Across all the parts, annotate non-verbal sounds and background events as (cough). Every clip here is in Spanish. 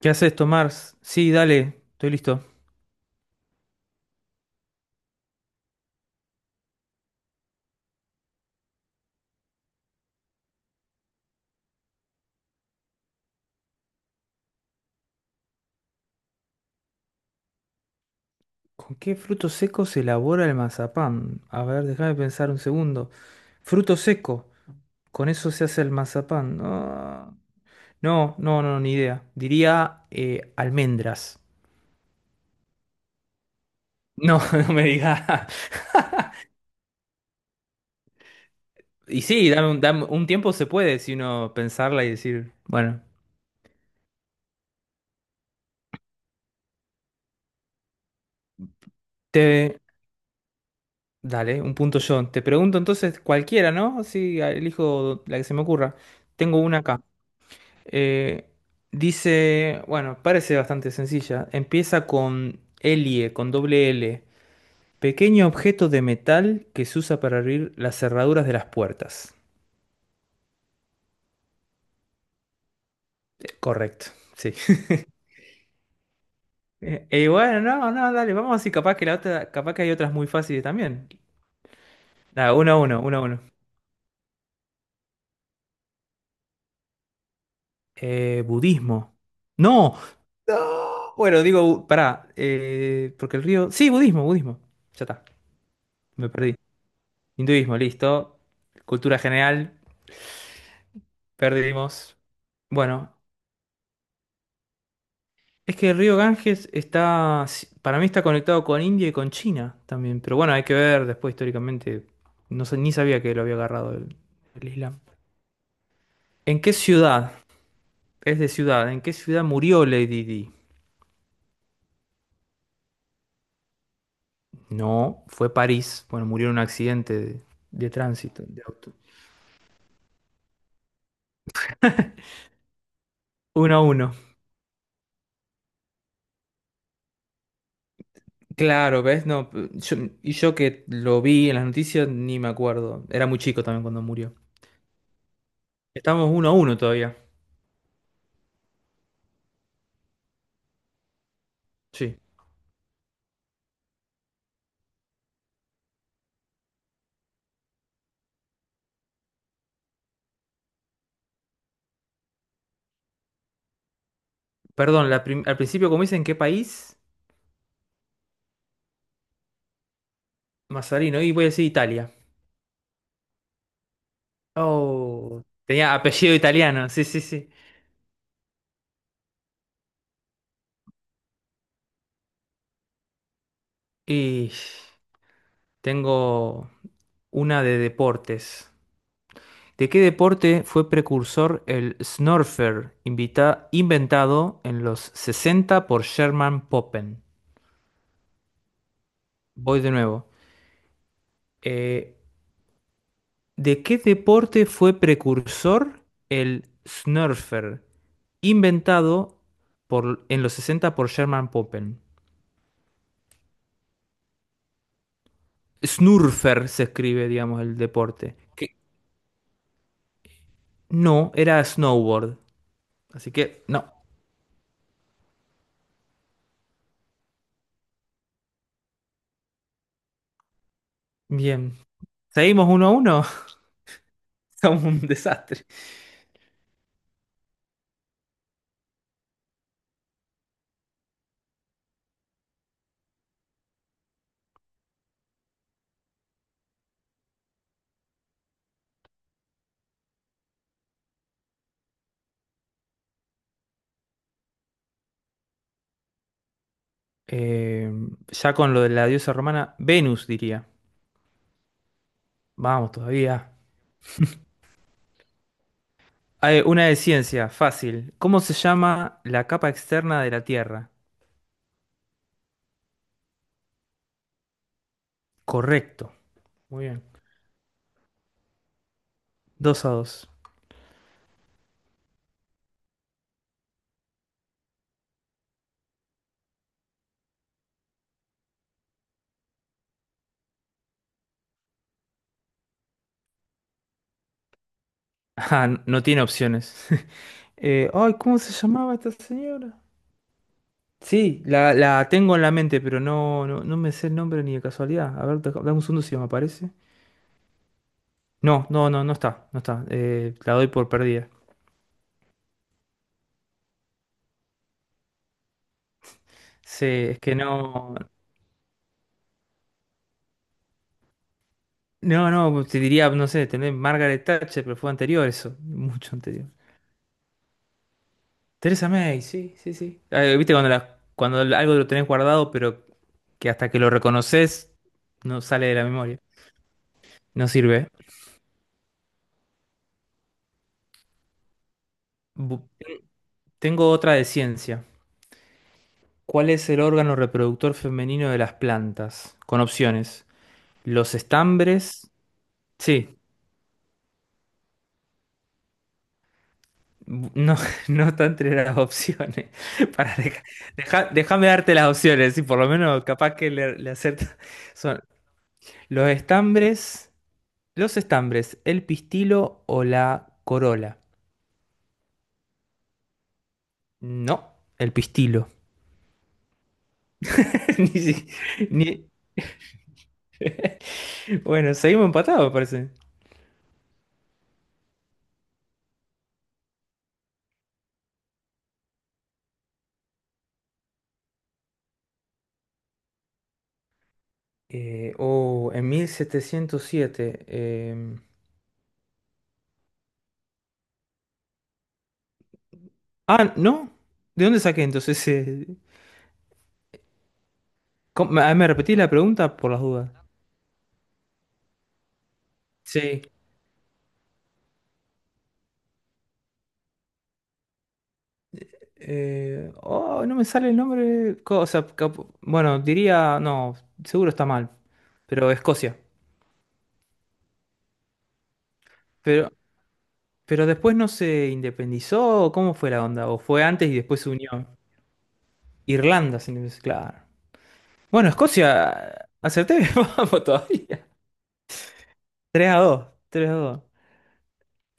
¿Qué haces, Tomás? Sí, dale, estoy listo. ¿Con qué fruto seco se elabora el mazapán? A ver, déjame pensar un segundo. Fruto seco, con eso se hace el mazapán. Ah, no, no, no, ni idea. Diría almendras. No, (laughs) no me digas. Y sí, dame un tiempo se puede si uno pensarla y decir, bueno, te... Dale, un punto yo. Te pregunto entonces cualquiera, ¿no? Así elijo la que se me ocurra. Tengo una acá. Eh, dice, bueno, parece bastante sencilla. Empieza con LIE, con doble L. Pequeño objeto de metal que se usa para abrir las cerraduras de las puertas. Correcto, sí. (laughs) Y bueno, no, no, dale, vamos así, capaz que la otra, capaz que hay otras muy fáciles también. Nada, uno a uno, uno a uno. Budismo. No. No. Bueno, digo, pará, porque el río... Sí, budismo. Ya está, me perdí. Hinduismo, listo. Cultura general. Perdimos. Bueno, es que el río Ganges está, para mí está conectado con India y con China también, pero bueno, hay que ver después históricamente, no sé, ni sabía que lo había agarrado el Islam. ¿En qué ciudad? Es de ciudad, ¿en qué ciudad murió Lady Di? No, fue París, bueno, murió en un accidente de tránsito, de auto. Uno a uno. Claro, ¿ves? No, yo- Y yo que lo vi en las noticias ni me acuerdo, era muy chico también cuando murió. Estamos uno a uno todavía. Sí. Perdón, al principio como dicen, ¿qué país? Mazarino, y voy a decir Italia. Oh, tenía apellido italiano, sí, sí, sí. Y tengo una de deportes. ¿De qué deporte fue precursor el snurfer inventado en los 60 por Sherman Poppen? Voy de nuevo. Eh, ¿De qué deporte fue precursor el snurfer inventado en los 60 por Sherman Poppen? Snurfer se escribe, digamos, el deporte. Que no, era snowboard. Así que no. Bien. Seguimos uno a uno. (laughs) Somos un desastre. Eh, ya con lo de la diosa romana, Venus diría. Vamos todavía. Ah, una de ciencia, fácil. ¿Cómo se llama la capa externa de la Tierra? Correcto. Muy bien. Dos a dos. (laughs) Ah, no tiene opciones. (laughs) Ay, ¿cómo se llamaba esta señora? Sí, la tengo en la mente, pero no, no, no me sé el nombre ni de casualidad. A ver, dame un segundo si me aparece. No, no, no, no está, no está. La doy por perdida. Sí, es que no. No, no, te diría, no sé, tener Margaret Thatcher, pero fue anterior eso, mucho anterior. Teresa May, sí, sí, sí. Viste cuando, cuando algo lo tenés guardado, pero que hasta que lo reconoces no sale de la memoria. No sirve. ¿Eh? Bu- Tengo otra de ciencia. ¿Cuál es el órgano reproductor femenino de las plantas? Con opciones. Los estambres. Sí, no, (laughs) no está entre las opciones. (laughs) Para, déjame darte las opciones, y por lo menos capaz que le acierta. Son los estambres, los estambres, el pistilo o la corola. No, el pistilo. (laughs) Ni, si- ni- (laughs) Bueno, seguimos empatados, parece. Oh, en 1707. Ah, ¿no? ¿De dónde saqué entonces? ¿Me repetí la pregunta por las dudas? Sí. Oh, no me sale el nombre. O sea, bueno, diría, no, seguro está mal, pero Escocia. Pero, pero después no se independizó, ¿cómo fue la onda? ¿O fue antes y después se unió? Irlanda, se independizó, claro. Bueno, Escocia, acerté, (laughs) vamos todavía. 3 a 2. 3 a 2.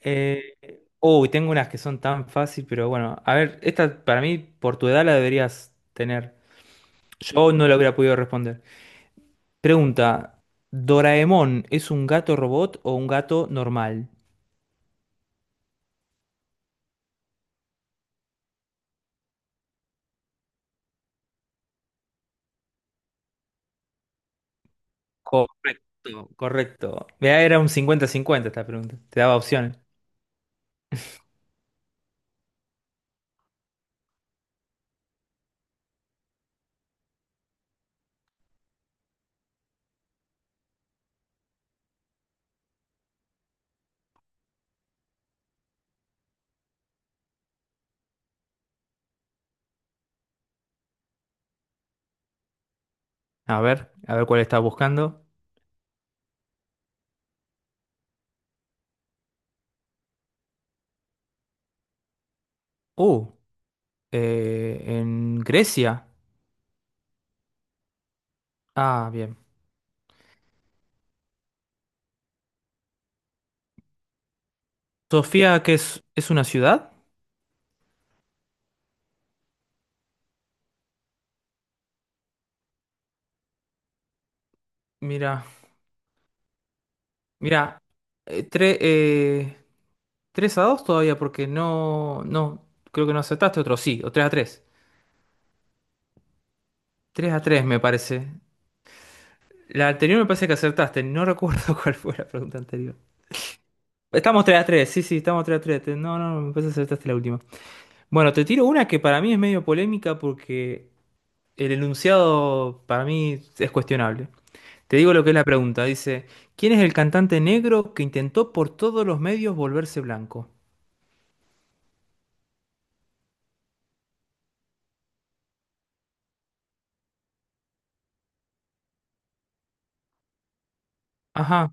Uy, tengo unas que son tan fácil, pero bueno, a ver, esta para mí, por tu edad la deberías tener. Yo no la hubiera podido responder. Pregunta, ¿Doraemon es un gato robot o un gato normal? Correcto, correcto. Mirá, era un cincuenta-cincuenta esta pregunta, te daba opciones. A ver cuál estás buscando. Uh, en Grecia. Ah, bien. ¿Sofía, es una ciudad? Mira, Mira, eh, tre- eh, 3 a 2 todavía, porque no, no, creo que no acertaste otro, sí, o 3 a 3 me parece. La anterior me parece que acertaste, no recuerdo (laughs) cuál fue la pregunta anterior. Estamos 3 a 3 sí, sí, estamos 3 a 3 No, no, me parece que acertaste la última. Bueno, te tiro una que para mí es medio polémica porque el enunciado para mí es cuestionable. Te digo lo que es la pregunta, dice, ¿quién es el cantante negro que intentó por todos los medios volverse blanco? Ajá.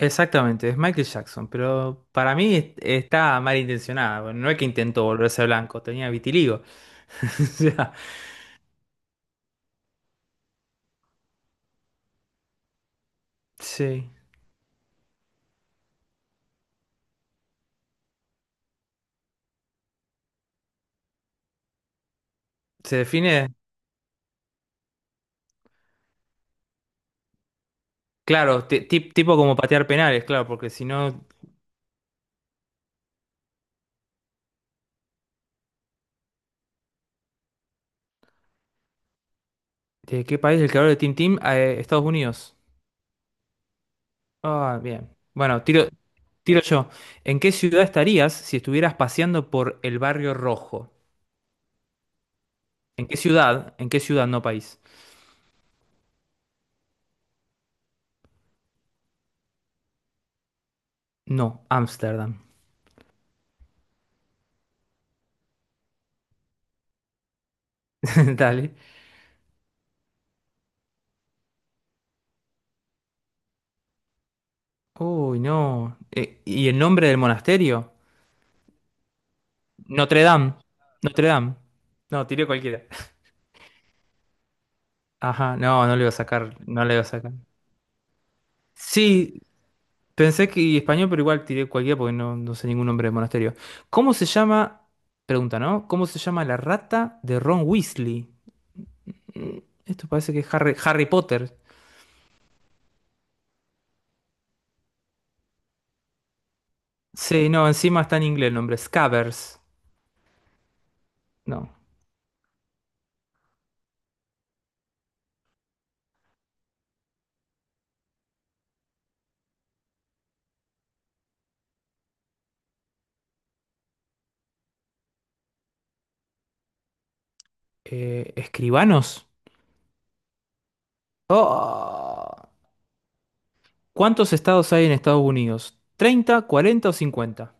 Exactamente, es Michael Jackson, pero para mí está mal intencionada. Bueno, no es que intentó volverse blanco, tenía vitiligo. (laughs) O sea, sí, se define, claro, tipo como patear penales, claro, porque si no, ¿de qué país es el creador de Team Team? Ah, Estados Unidos. Ah, bien. Bueno, tiro yo. ¿En qué ciudad estarías si estuvieras paseando por el barrio rojo? ¿En qué ciudad? ¿En qué ciudad, no país? No, Ámsterdam. (laughs) Dale. Uy, no. ¿Y el nombre del monasterio? Notre Dame. Notre Dame. No, tiré cualquiera. Ajá, no, no le iba a sacar, no le iba a sacar. Sí, pensé que español, pero igual tiré cualquiera porque no, no sé ningún nombre de monasterio. ¿Cómo se llama? Pregunta, ¿no? ¿Cómo se llama la rata de Ron Weasley? Mm, esto parece que es Harry Potter. Sí, no, encima está en inglés el nombre. Scabbers. No. ¿Escribanos? Oh. ¿Cuántos estados hay en Estados Unidos? 30, 40 o 50.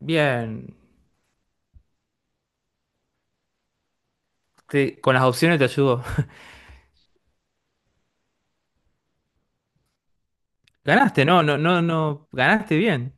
Bien. Con las opciones te ayudo. Ganaste, no, no, no, no. Ganaste bien.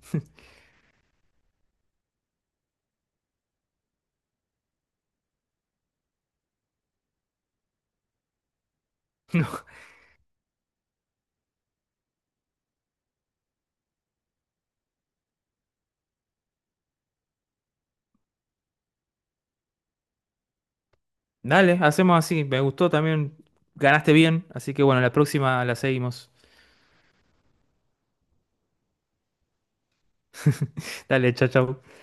Dale, hacemos así. Me gustó también. Ganaste bien. Así que bueno, la próxima la seguimos. Dale, chao, chao.